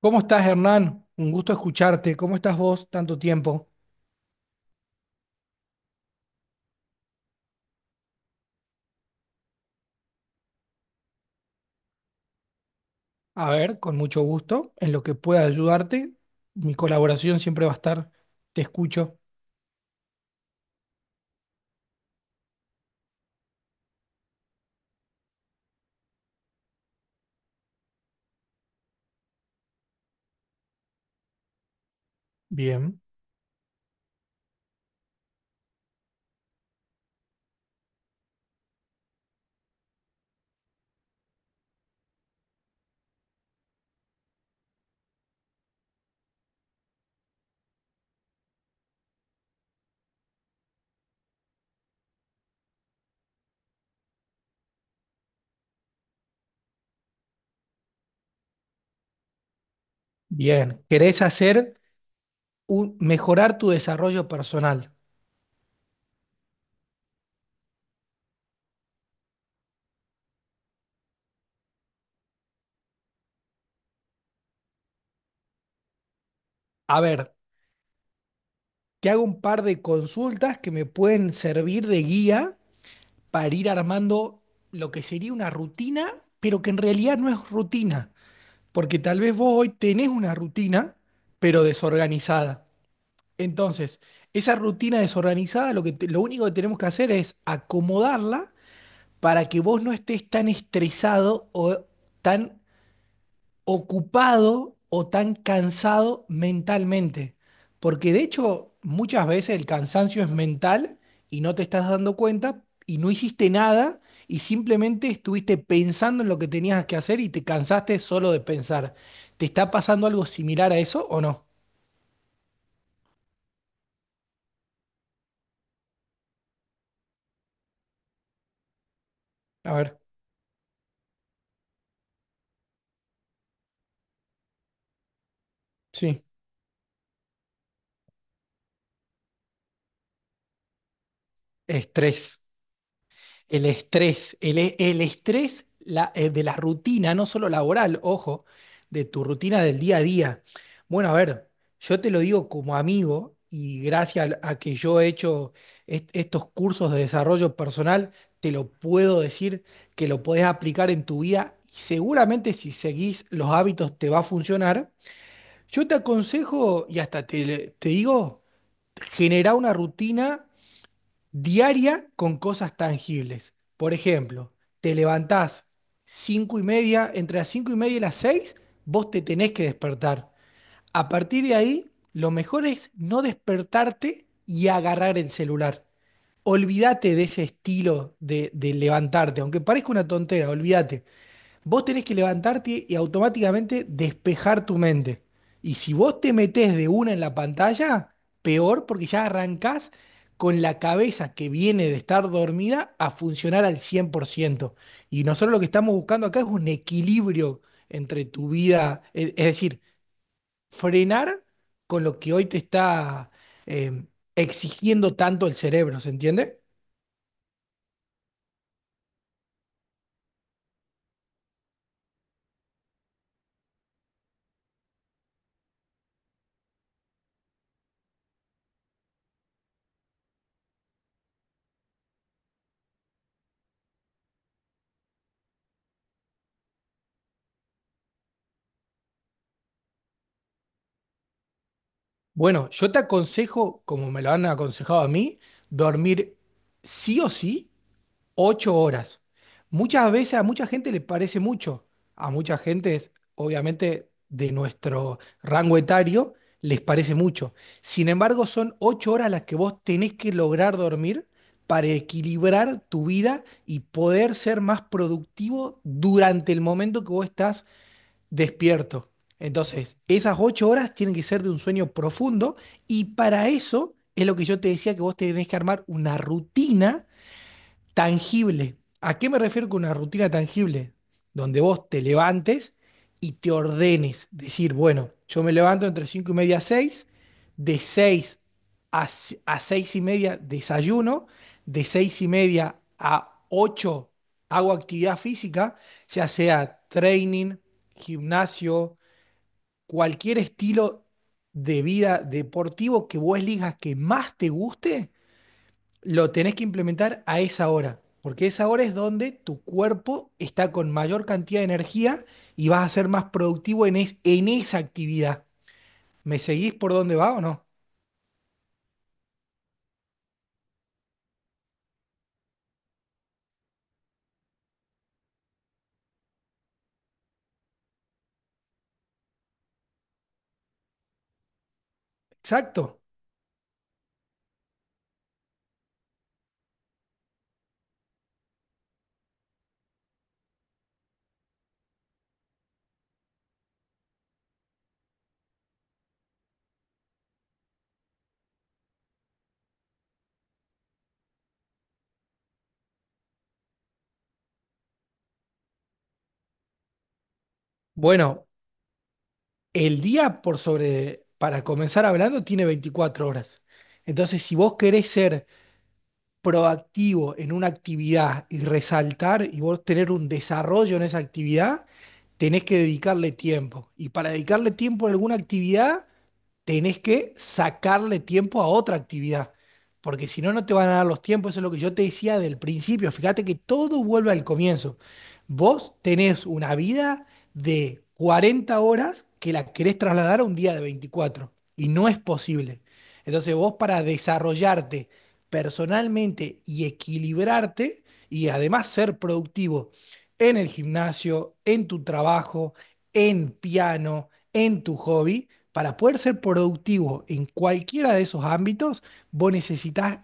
¿Cómo estás, Hernán? Un gusto escucharte. ¿Cómo estás vos? Tanto tiempo. A ver, con mucho gusto. En lo que pueda ayudarte, mi colaboración siempre va a estar. Te escucho. Bien. Bien. ¿Querés hacer un, mejorar tu desarrollo personal? A ver, te hago un par de consultas que me pueden servir de guía para ir armando lo que sería una rutina, pero que en realidad no es rutina, porque tal vez vos hoy tenés una rutina, pero desorganizada. Entonces, esa rutina desorganizada, lo único que tenemos que hacer es acomodarla para que vos no estés tan estresado o tan ocupado o tan cansado mentalmente. Porque de hecho, muchas veces el cansancio es mental y no te estás dando cuenta y no hiciste nada y simplemente estuviste pensando en lo que tenías que hacer y te cansaste solo de pensar. ¿Te está pasando algo similar a eso o no? A ver, sí, estrés. El estrés, el estrés de la rutina, no solo laboral, ojo, de tu rutina del día a día. Bueno, a ver, yo te lo digo como amigo y gracias a que yo he hecho estos cursos de desarrollo personal, te lo puedo decir que lo podés aplicar en tu vida y seguramente si seguís los hábitos te va a funcionar. Yo te aconsejo y hasta te digo, generar una rutina diaria con cosas tangibles. Por ejemplo, te levantás cinco y media, entre las cinco y media y las seis, vos te tenés que despertar. A partir de ahí, lo mejor es no despertarte y agarrar el celular. Olvídate de ese estilo de levantarte, aunque parezca una tontera, olvídate. Vos tenés que levantarte y automáticamente despejar tu mente. Y si vos te metés de una en la pantalla, peor porque ya arrancás con la cabeza que viene de estar dormida a funcionar al 100%. Y nosotros lo que estamos buscando acá es un equilibrio entre tu vida, es decir, frenar con lo que hoy te está eh, exigiendo tanto el cerebro, ¿se entiende? Bueno, yo te aconsejo, como me lo han aconsejado a mí, dormir sí o sí 8 horas. Muchas veces a mucha gente le parece mucho, a mucha gente, obviamente, de nuestro rango etario, les parece mucho. Sin embargo, son 8 horas las que vos tenés que lograr dormir para equilibrar tu vida y poder ser más productivo durante el momento que vos estás despierto. Entonces, esas 8 horas tienen que ser de un sueño profundo y para eso es lo que yo te decía que vos tenés que armar una rutina tangible. ¿A qué me refiero con una rutina tangible? Donde vos te levantes y te ordenes. Decir, bueno, yo me levanto entre cinco y media a 6, de seis a, si, a 6:30 desayuno, de 6:30 a 8 hago actividad física, ya sea training, gimnasio, cualquier estilo de vida deportivo que vos elijas que más te guste, lo tenés que implementar a esa hora, porque esa hora es donde tu cuerpo está con mayor cantidad de energía y vas a ser más productivo en, en esa actividad. ¿Me seguís por dónde va o no? Exacto. Bueno, el día por sobre, para comenzar hablando, tiene 24 horas. Entonces, si vos querés ser proactivo en una actividad y resaltar y vos tener un desarrollo en esa actividad, tenés que dedicarle tiempo. Y para dedicarle tiempo a alguna actividad, tenés que sacarle tiempo a otra actividad, porque si no, no te van a dar los tiempos. Eso es lo que yo te decía del principio. Fíjate que todo vuelve al comienzo. Vos tenés una vida de 40 horas que la querés trasladar a un día de 24 y no es posible. Entonces vos para desarrollarte personalmente y equilibrarte y además ser productivo en el gimnasio, en tu trabajo, en piano, en tu hobby, para poder ser productivo en cualquiera de esos ámbitos, vos necesitas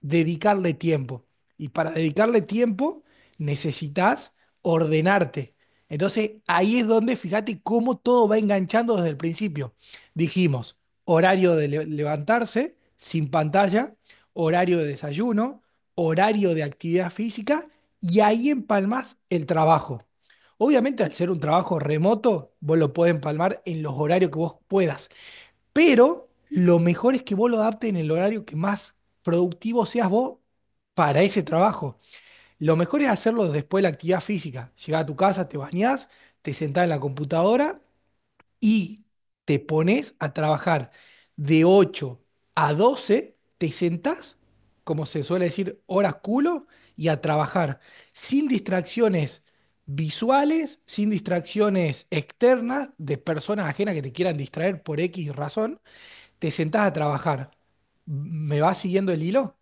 dedicarle tiempo. Y para dedicarle tiempo necesitas ordenarte. Entonces ahí es donde fíjate cómo todo va enganchando desde el principio. Dijimos, horario de levantarse sin pantalla, horario de desayuno, horario de actividad física y ahí empalmas el trabajo. Obviamente al ser un trabajo remoto, vos lo podés empalmar en los horarios que vos puedas, pero lo mejor es que vos lo adaptes en el horario que más productivo seas vos para ese trabajo. Lo mejor es hacerlo después de la actividad física. Llegás a tu casa, te bañás, te sentás en la computadora y te pones a trabajar de 8 a 12. Te sentás, como se suele decir, horas culo y a trabajar, sin distracciones visuales, sin distracciones externas de personas ajenas que te quieran distraer por X razón, te sentás a trabajar. ¿Me vas siguiendo el hilo?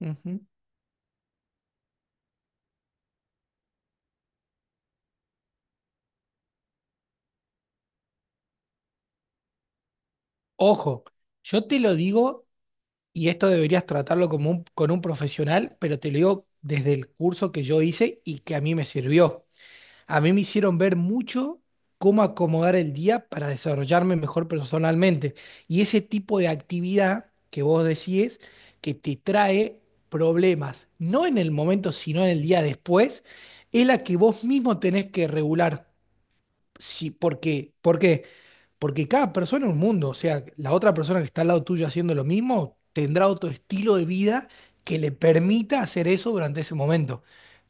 Ujú. Ojo, yo te lo digo, y esto deberías tratarlo como con un profesional, pero te lo digo desde el curso que yo hice y que a mí me sirvió. A mí me hicieron ver mucho cómo acomodar el día para desarrollarme mejor personalmente. Y ese tipo de actividad que vos decís que te trae problemas, no en el momento, sino en el día después, es la que vos mismo tenés que regular. Sí, porque, ¿por qué? Porque cada persona es un mundo, o sea, la otra persona que está al lado tuyo haciendo lo mismo tendrá otro estilo de vida que le permita hacer eso durante ese momento.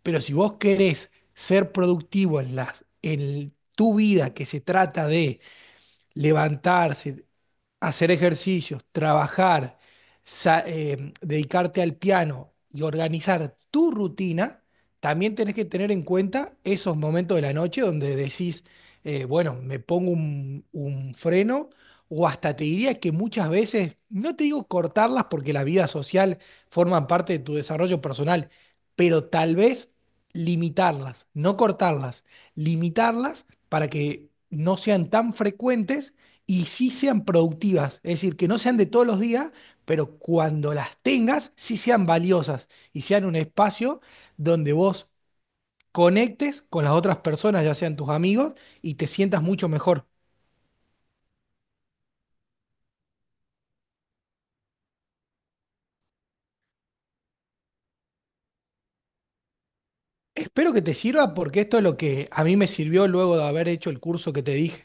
Pero si vos querés ser productivo en las, en tu vida que se trata de levantarse, hacer ejercicios, trabajar, dedicarte al piano y organizar tu rutina, también tenés que tener en cuenta esos momentos de la noche donde decís, bueno, me pongo un freno o hasta te diría que muchas veces, no te digo cortarlas porque la vida social forma parte de tu desarrollo personal, pero tal vez limitarlas, no cortarlas, limitarlas para que no sean tan frecuentes y sí sean productivas, es decir, que no sean de todos los días, pero cuando las tengas, sí sean valiosas y sean un espacio donde vos conectes con las otras personas, ya sean tus amigos, y te sientas mucho mejor. Espero que te sirva porque esto es lo que a mí me sirvió luego de haber hecho el curso que te dije.